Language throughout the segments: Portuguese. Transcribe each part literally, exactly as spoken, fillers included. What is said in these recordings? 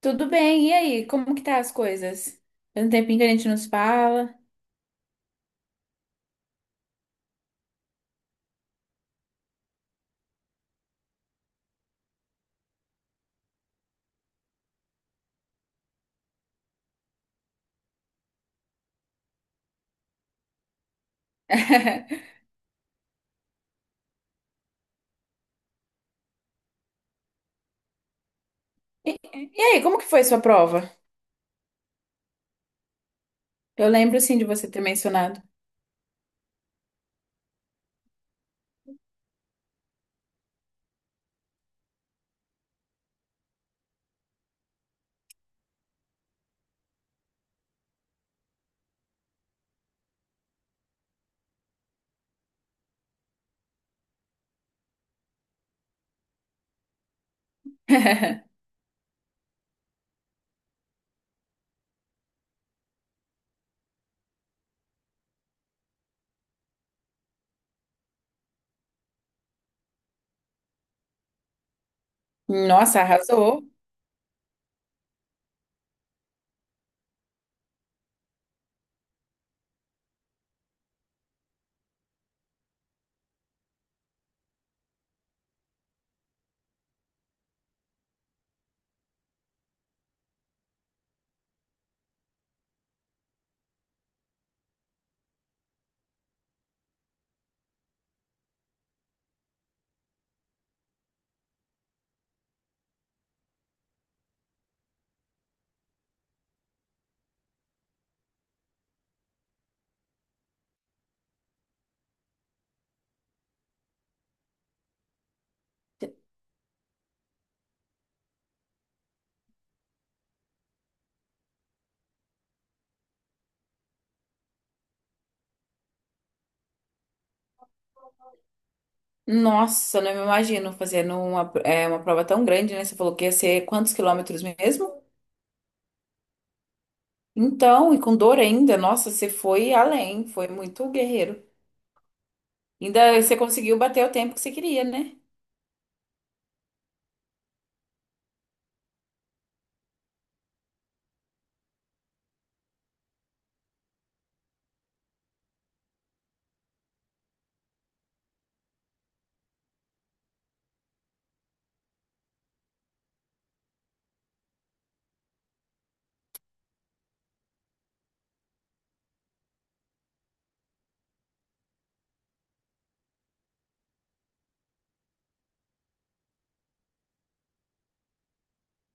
Tudo bem, e aí? Como que tá as coisas? Faz um tempinho que a gente nos fala. E, e aí, como que foi sua prova? Eu lembro sim de você ter mencionado. Nossa, arrasou. Nossa, não me imagino fazendo uma, é, uma prova tão grande, né? Você falou que ia ser quantos quilômetros mesmo? Então, e com dor ainda, nossa, você foi além, foi muito guerreiro. Ainda você conseguiu bater o tempo que você queria, né?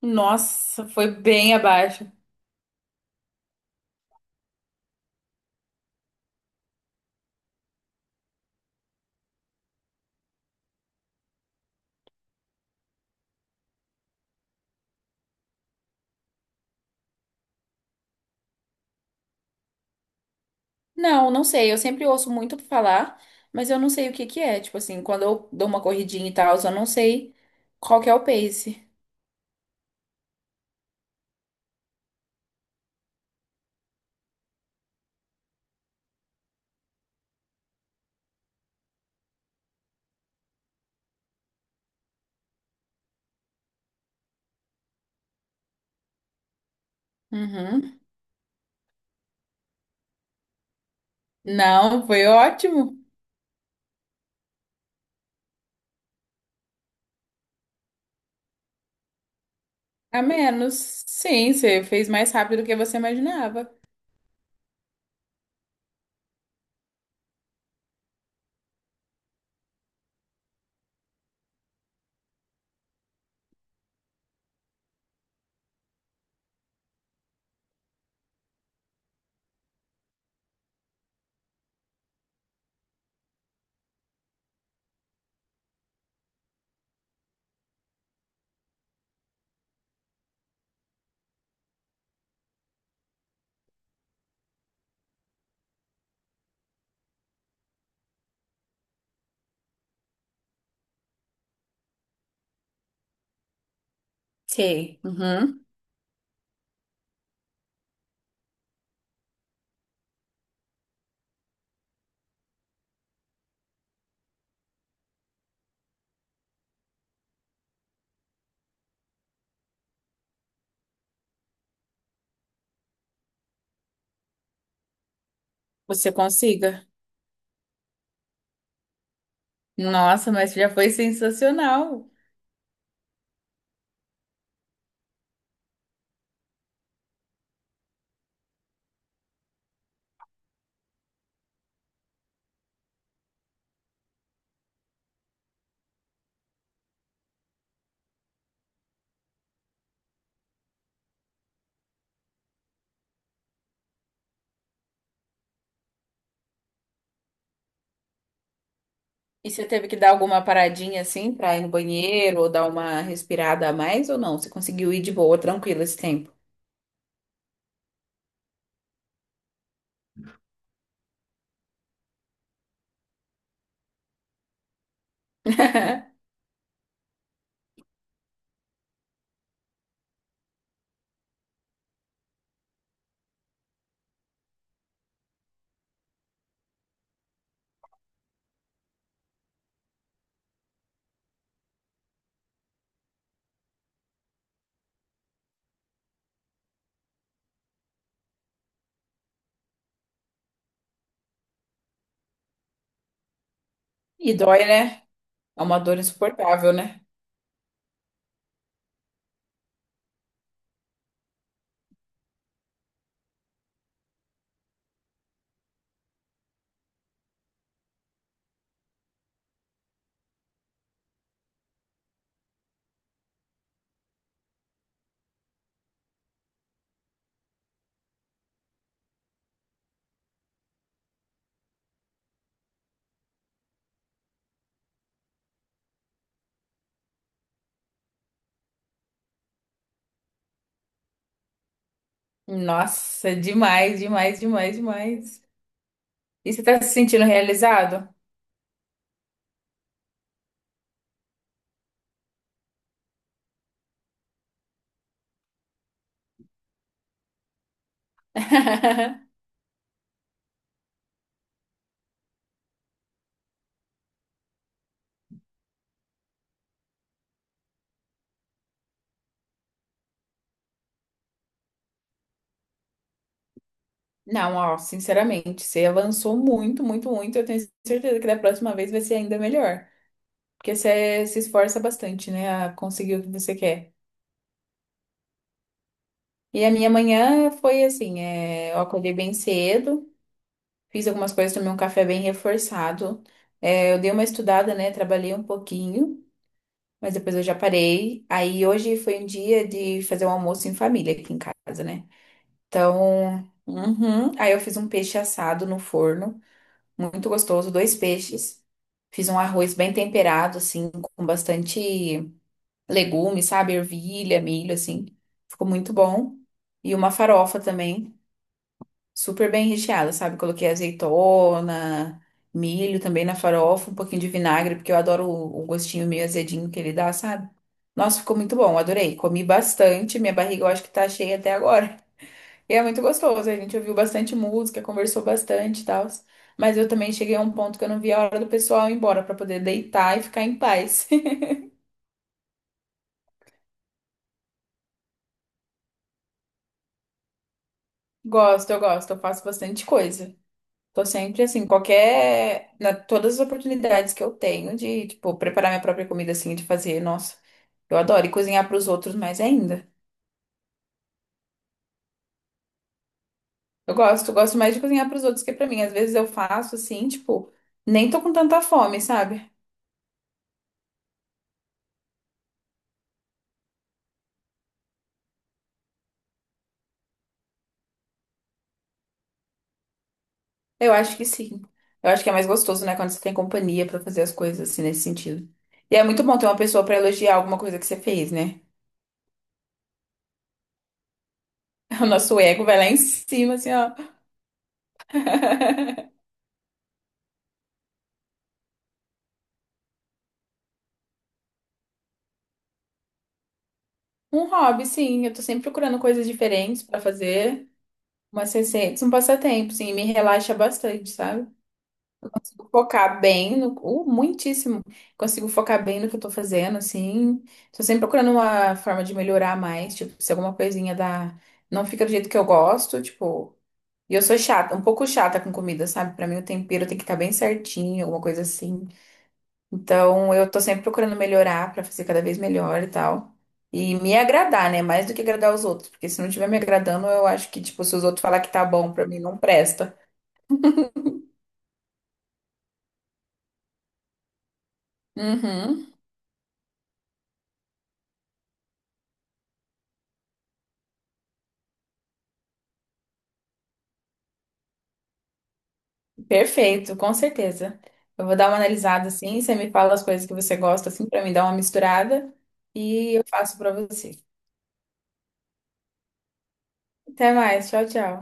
Nossa, foi bem abaixo. Não, não sei. Eu sempre ouço muito falar, mas eu não sei o que que é. Tipo assim, quando eu dou uma corridinha e tal, eu não sei qual que é o pace. Uhum. Não, foi ótimo. A menos. Sim, você fez mais rápido do que você imaginava. Sei. Uhum. Você consiga. Nossa, mas já foi sensacional. E você teve que dar alguma paradinha assim pra ir no banheiro ou dar uma respirada a mais ou não? Você conseguiu ir de boa, tranquilo esse tempo. E dói, né? É uma dor insuportável, né? Nossa, demais, demais, demais, demais. E você tá se sentindo realizado? Não, ó, sinceramente, você avançou muito, muito, muito. Eu tenho certeza que da próxima vez vai ser ainda melhor. Porque você se esforça bastante, né, a conseguir o que você quer. E a minha manhã foi assim: é, eu acordei bem cedo, fiz algumas coisas, tomei um café bem reforçado. É, eu dei uma estudada, né, trabalhei um pouquinho, mas depois eu já parei. Aí hoje foi um dia de fazer um almoço em família aqui em casa, né? Então, uhum. Aí eu fiz um peixe assado no forno, muito gostoso, dois peixes. Fiz um arroz bem temperado, assim, com bastante legumes, sabe? Ervilha, milho, assim. Ficou muito bom. E uma farofa também, super bem recheada, sabe? Coloquei azeitona, milho também na farofa, um pouquinho de vinagre, porque eu adoro o o gostinho meio azedinho que ele dá, sabe? Nossa, ficou muito bom, adorei. Comi bastante, minha barriga eu acho que tá cheia até agora. E é muito gostoso, a gente ouviu bastante música, conversou bastante e tal. Mas eu também cheguei a um ponto que eu não via a hora do pessoal ir embora pra poder deitar e ficar em paz. Gosto, eu gosto, eu faço bastante coisa. Tô sempre assim, qualquer, na todas as oportunidades que eu tenho de, tipo, preparar minha própria comida assim, de fazer, nossa, eu adoro e cozinhar pros outros mais ainda. Eu gosto, gosto mais de cozinhar pros outros que pra mim. Às vezes eu faço assim, tipo, nem tô com tanta fome, sabe? Eu acho que sim. Eu acho que é mais gostoso, né, quando você tem companhia pra fazer as coisas assim nesse sentido. E é muito bom ter uma pessoa pra elogiar alguma coisa que você fez, né? O nosso ego vai lá em cima, assim, ó. Um hobby, sim. Eu tô sempre procurando coisas diferentes pra fazer. Umas receitas, um passatempo, sim. Me relaxa bastante, sabe? Consigo focar bem no... Uh, muitíssimo. Consigo focar bem no que eu tô fazendo, assim. Tô sempre procurando uma forma de melhorar mais. Tipo, se alguma coisinha dá... Não fica do jeito que eu gosto, tipo... E eu sou chata, um pouco chata com comida, sabe? Pra mim o tempero tem que estar bem certinho, alguma coisa assim. Então eu tô sempre procurando melhorar pra fazer cada vez melhor e tal. E me agradar, né? Mais do que agradar os outros, porque se não estiver me agradando, eu acho que, tipo, se os outros falar que tá bom, pra mim não presta. Uhum. Perfeito, com certeza. Eu vou dar uma analisada assim, você me fala as coisas que você gosta assim pra mim dar uma misturada e eu faço pra você. Até mais, tchau, tchau.